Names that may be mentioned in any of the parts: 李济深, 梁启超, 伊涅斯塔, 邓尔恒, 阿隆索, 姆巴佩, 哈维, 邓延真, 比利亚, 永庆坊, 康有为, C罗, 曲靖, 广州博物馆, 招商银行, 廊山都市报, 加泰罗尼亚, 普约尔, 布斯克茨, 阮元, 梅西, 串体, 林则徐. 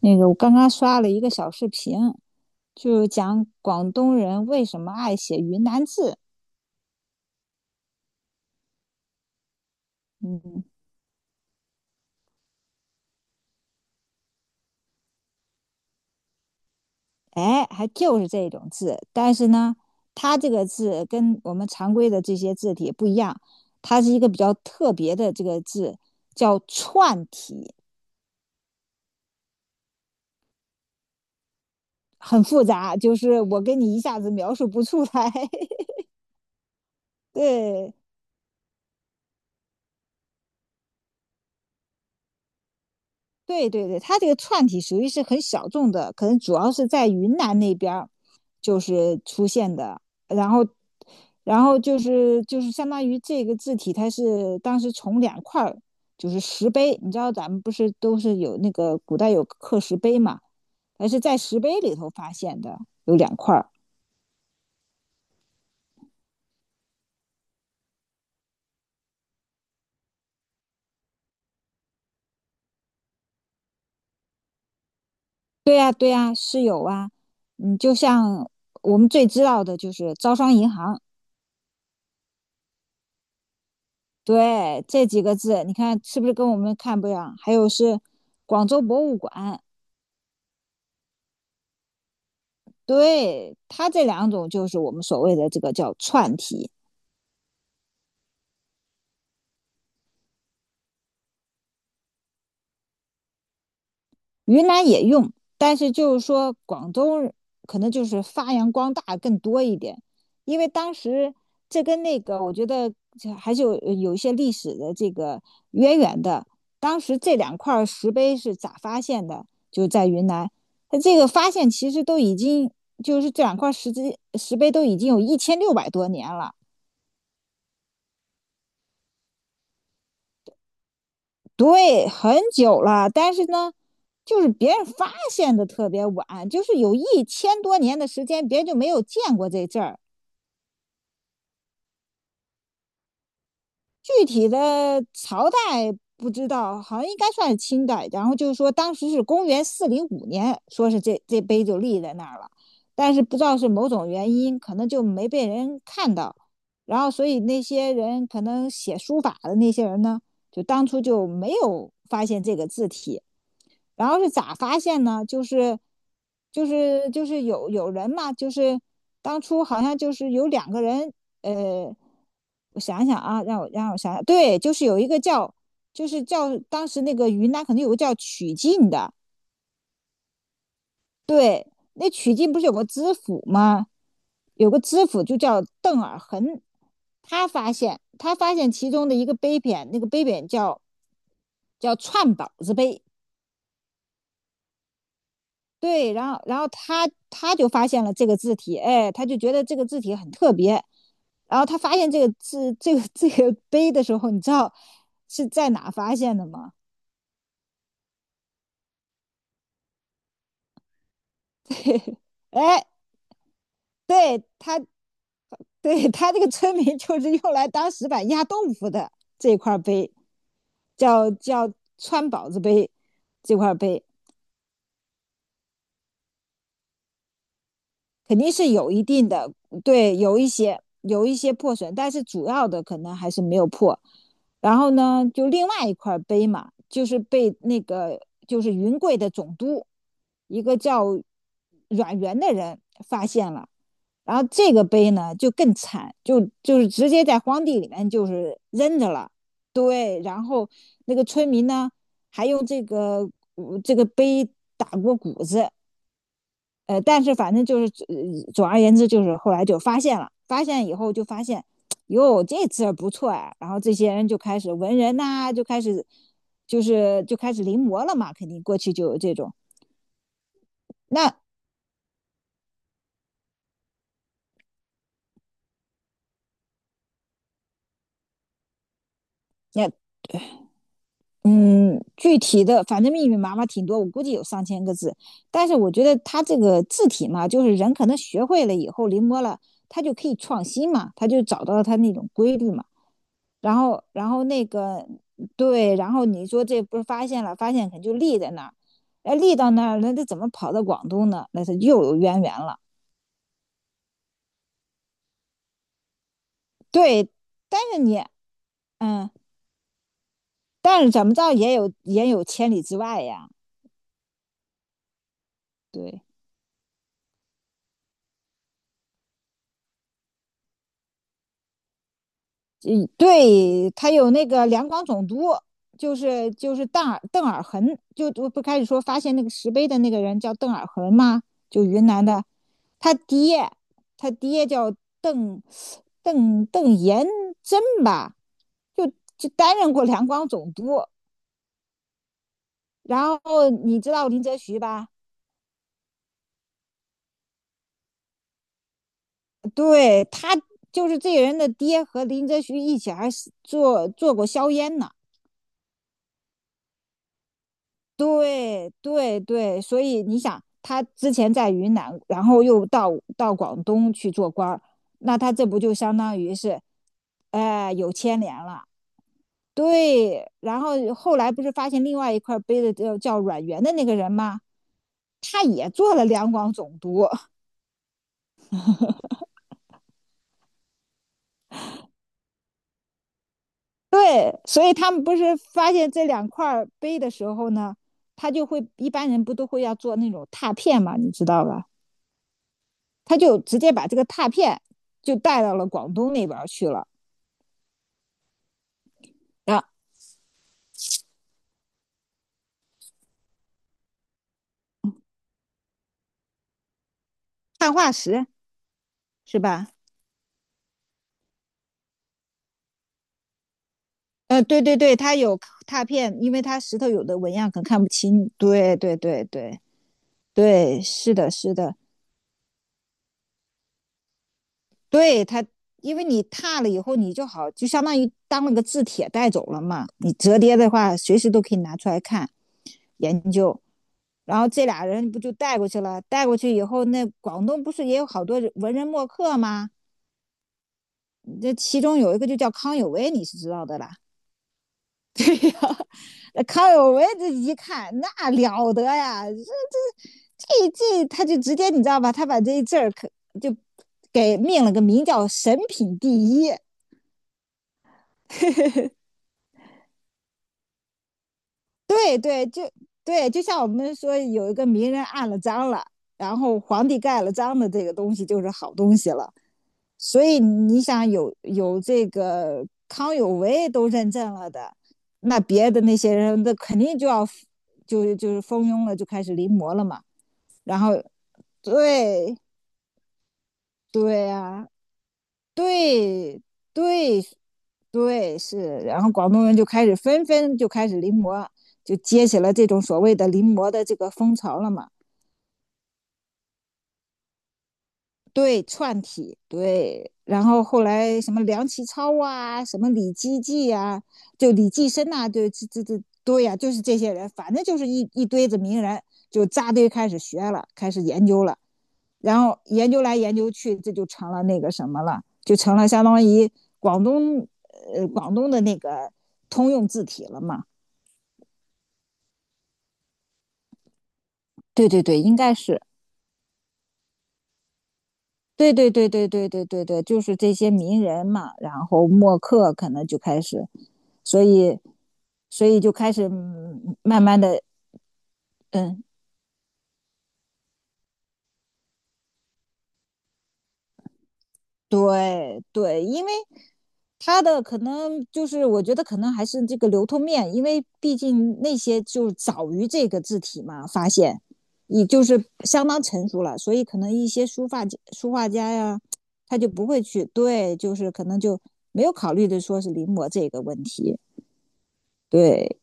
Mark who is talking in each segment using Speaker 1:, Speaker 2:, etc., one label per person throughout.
Speaker 1: 那个我刚刚刷了一个小视频，就是讲广东人为什么爱写云南字。嗯，哎，还就是这种字，但是呢，它这个字跟我们常规的这些字体不一样，它是一个比较特别的这个字，叫串体，很复杂，就是我跟你一下子描述不出来。对，对对对，它这个串体属于是很小众的，可能主要是在云南那边儿就是出现的。然后，然后就是相当于这个字体，它是当时从两块儿就是石碑，你知道咱们不是都是有那个古代有刻石碑嘛，它是在石碑里头发现的，有两块儿。对呀，对呀，是有啊。嗯，就像我们最知道的就是招商银行，对，这几个字，你看是不是跟我们看不一样？还有是广州博物馆，对，它这两种就是我们所谓的这个叫串题。云南也用，但是就是说广东可能就是发扬光大更多一点，因为当时这跟那个我觉得还是有一些历史的这个渊源的。当时这两块石碑是咋发现的？就在云南，它这个发现其实都已经就是这两块石碑都已经有1600多年了。对，很久了，但是呢，就是别人发现的特别晚，就是有1000多年的时间，别人就没有见过这阵儿。具体的朝代不知道，好像应该算是清代。然后就是说，当时是公元405年，说是这碑就立在那儿了，但是不知道是某种原因，可能就没被人看到。然后，所以那些人可能写书法的那些人呢，就当初就没有发现这个字体。然后是咋发现呢？就是有人嘛，就是当初好像就是有两个人呃，我想想啊，让我想想，对，就是有一个叫，就是叫当时那个云南可能有个叫曲靖的，对，那曲靖不是有个知府吗？有个知府就叫邓尔恒，他发现其中的一个碑匾，那个碑匾叫串宝子碑，对，然后他就发现了这个字体，哎，他就觉得这个字体很特别。然后他发现这个字这个碑的时候，你知道是在哪发现的吗？哎，对他对他这个村民就是用来当石板压豆腐的这块碑，叫川宝子碑这块碑。肯定是有一定的，对，有一些破损，但是主要的可能还是没有破。然后呢，就另外一块碑嘛，就是被那个就是云贵的总督，一个叫阮元的人发现了。然后这个碑呢就更惨，就是直接在荒地里面就是扔着了。对，然后那个村民呢还用这个碑打过谷子，但是反正就是总而言之，就是后来就发现了，发现以后就发现，哟，这字不错呀、啊然后这些人就开始文人呐、啊就开始就开始临摹了嘛，肯定过去就有这种。那那嗯，具体的反正密密麻麻挺多，我估计有上千个字。但是我觉得他这个字体嘛，就是人可能学会了以后临摹了，他就可以创新嘛，他就找到他那种规律嘛。然后那个对，然后你说这不是发现了，发现肯定就立在那儿，哎，立到那儿，那他怎么跑到广东呢？那他又有渊源了。对，但是你，嗯，但是怎么着也有千里之外呀。对，嗯，对，他有那个两广总督，就是邓尔恒，就我不开始说发现那个石碑的那个人叫邓尔恒吗？就云南的，他爹他爹叫邓邓延真吧，就就担任过两广总督。然后你知道林则徐吧？对，他就是这个人的爹和林则徐一起还是做过硝烟呢。对对对，所以你想，他之前在云南，然后又到广东去做官儿，那他这不就相当于是，哎、有牵连了。对，然后后来不是发现另外一块碑的叫阮元的那个人吗？他也做了两广总督。对，所以他们不是发现这两块碑的时候呢，他就会一般人不都会要做那种拓片嘛，你知道吧？他就直接把这个拓片就带到了广东那边去了。啊，碳化石是吧？对对对，他有拓片，因为他石头有的纹样可能看不清。对对对对对，是的，是的，对他，因为你拓了以后，你就好，就相当于当了个字帖带走了嘛。你折叠的话，随时都可以拿出来看研究。然后这俩人不就带过去了？带过去以后，那广东不是也有好多文人墨客吗？这其中有一个就叫康有为，你是知道的啦。对呀、啊康有为这一看那了得呀，这他就直接你知道吧？他把这一字儿可就给命了个名叫"神品第一"。对对，就对，就像我们说有一个名人按了章了，然后皇帝盖了章的这个东西就是好东西了。所以你想有这个康有为都认证了的，那别的那些人那肯定就要就是蜂拥了，就开始临摹了嘛。然后对对啊，对对对是，然后广东人就开始纷纷就开始临摹，就接起了这种所谓的临摹的这个风潮了嘛。对串体，对，然后后来什么梁启超啊，什么李济济啊，就李济深呐、啊对，这对呀、啊就是这些人，反正就是一堆子名人，就扎堆开始学了，开始研究了，然后研究来研究去，这就成了那个什么了，就成了相当于广东的那个通用字体了嘛。对对对，应该是对对对对对对对对，就是这些名人嘛，然后墨客可能就开始，所以所以就开始慢慢的，嗯，对对，因为他的可能就是我觉得可能还是这个流通面，因为毕竟那些就早于这个字体嘛发现，也就是相当成熟了，所以可能一些书法书画家呀，他就不会去对，就是可能就没有考虑的说是临摹这个问题，对。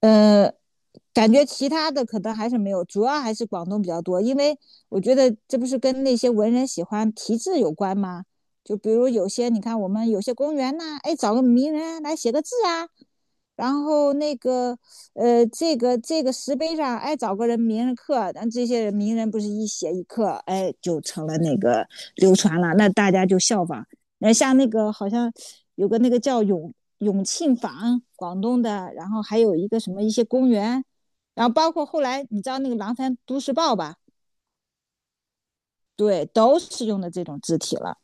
Speaker 1: 嗯，感觉其他的可能还是没有，主要还是广东比较多，因为我觉得这不是跟那些文人喜欢题字有关吗？就比如有些你看我们有些公园呐、哎，找个名人来写个字啊，然后那个，这个石碑上，哎，找个人名人刻，咱这些人名人不是一写一刻，哎，就成了那个流传了，那大家就效仿。那像那个好像有个那个叫永庆坊，广东的，然后还有一个什么一些公园，然后包括后来你知道那个《廊山都市报》吧，对，都是用的这种字体了，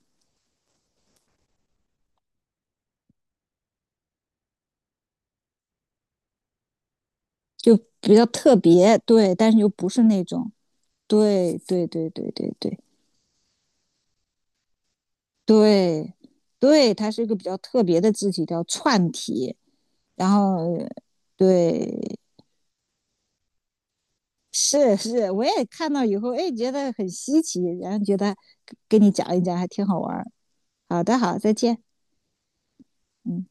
Speaker 1: 就比较特别，对，但是又不是那种，对对对对对对。对，对，它是一个比较特别的字体，叫串体。然后，对，是是，我也看到以后，哎，觉得很稀奇，然后觉得跟你讲一讲还挺好玩儿。好的，好，再见，嗯。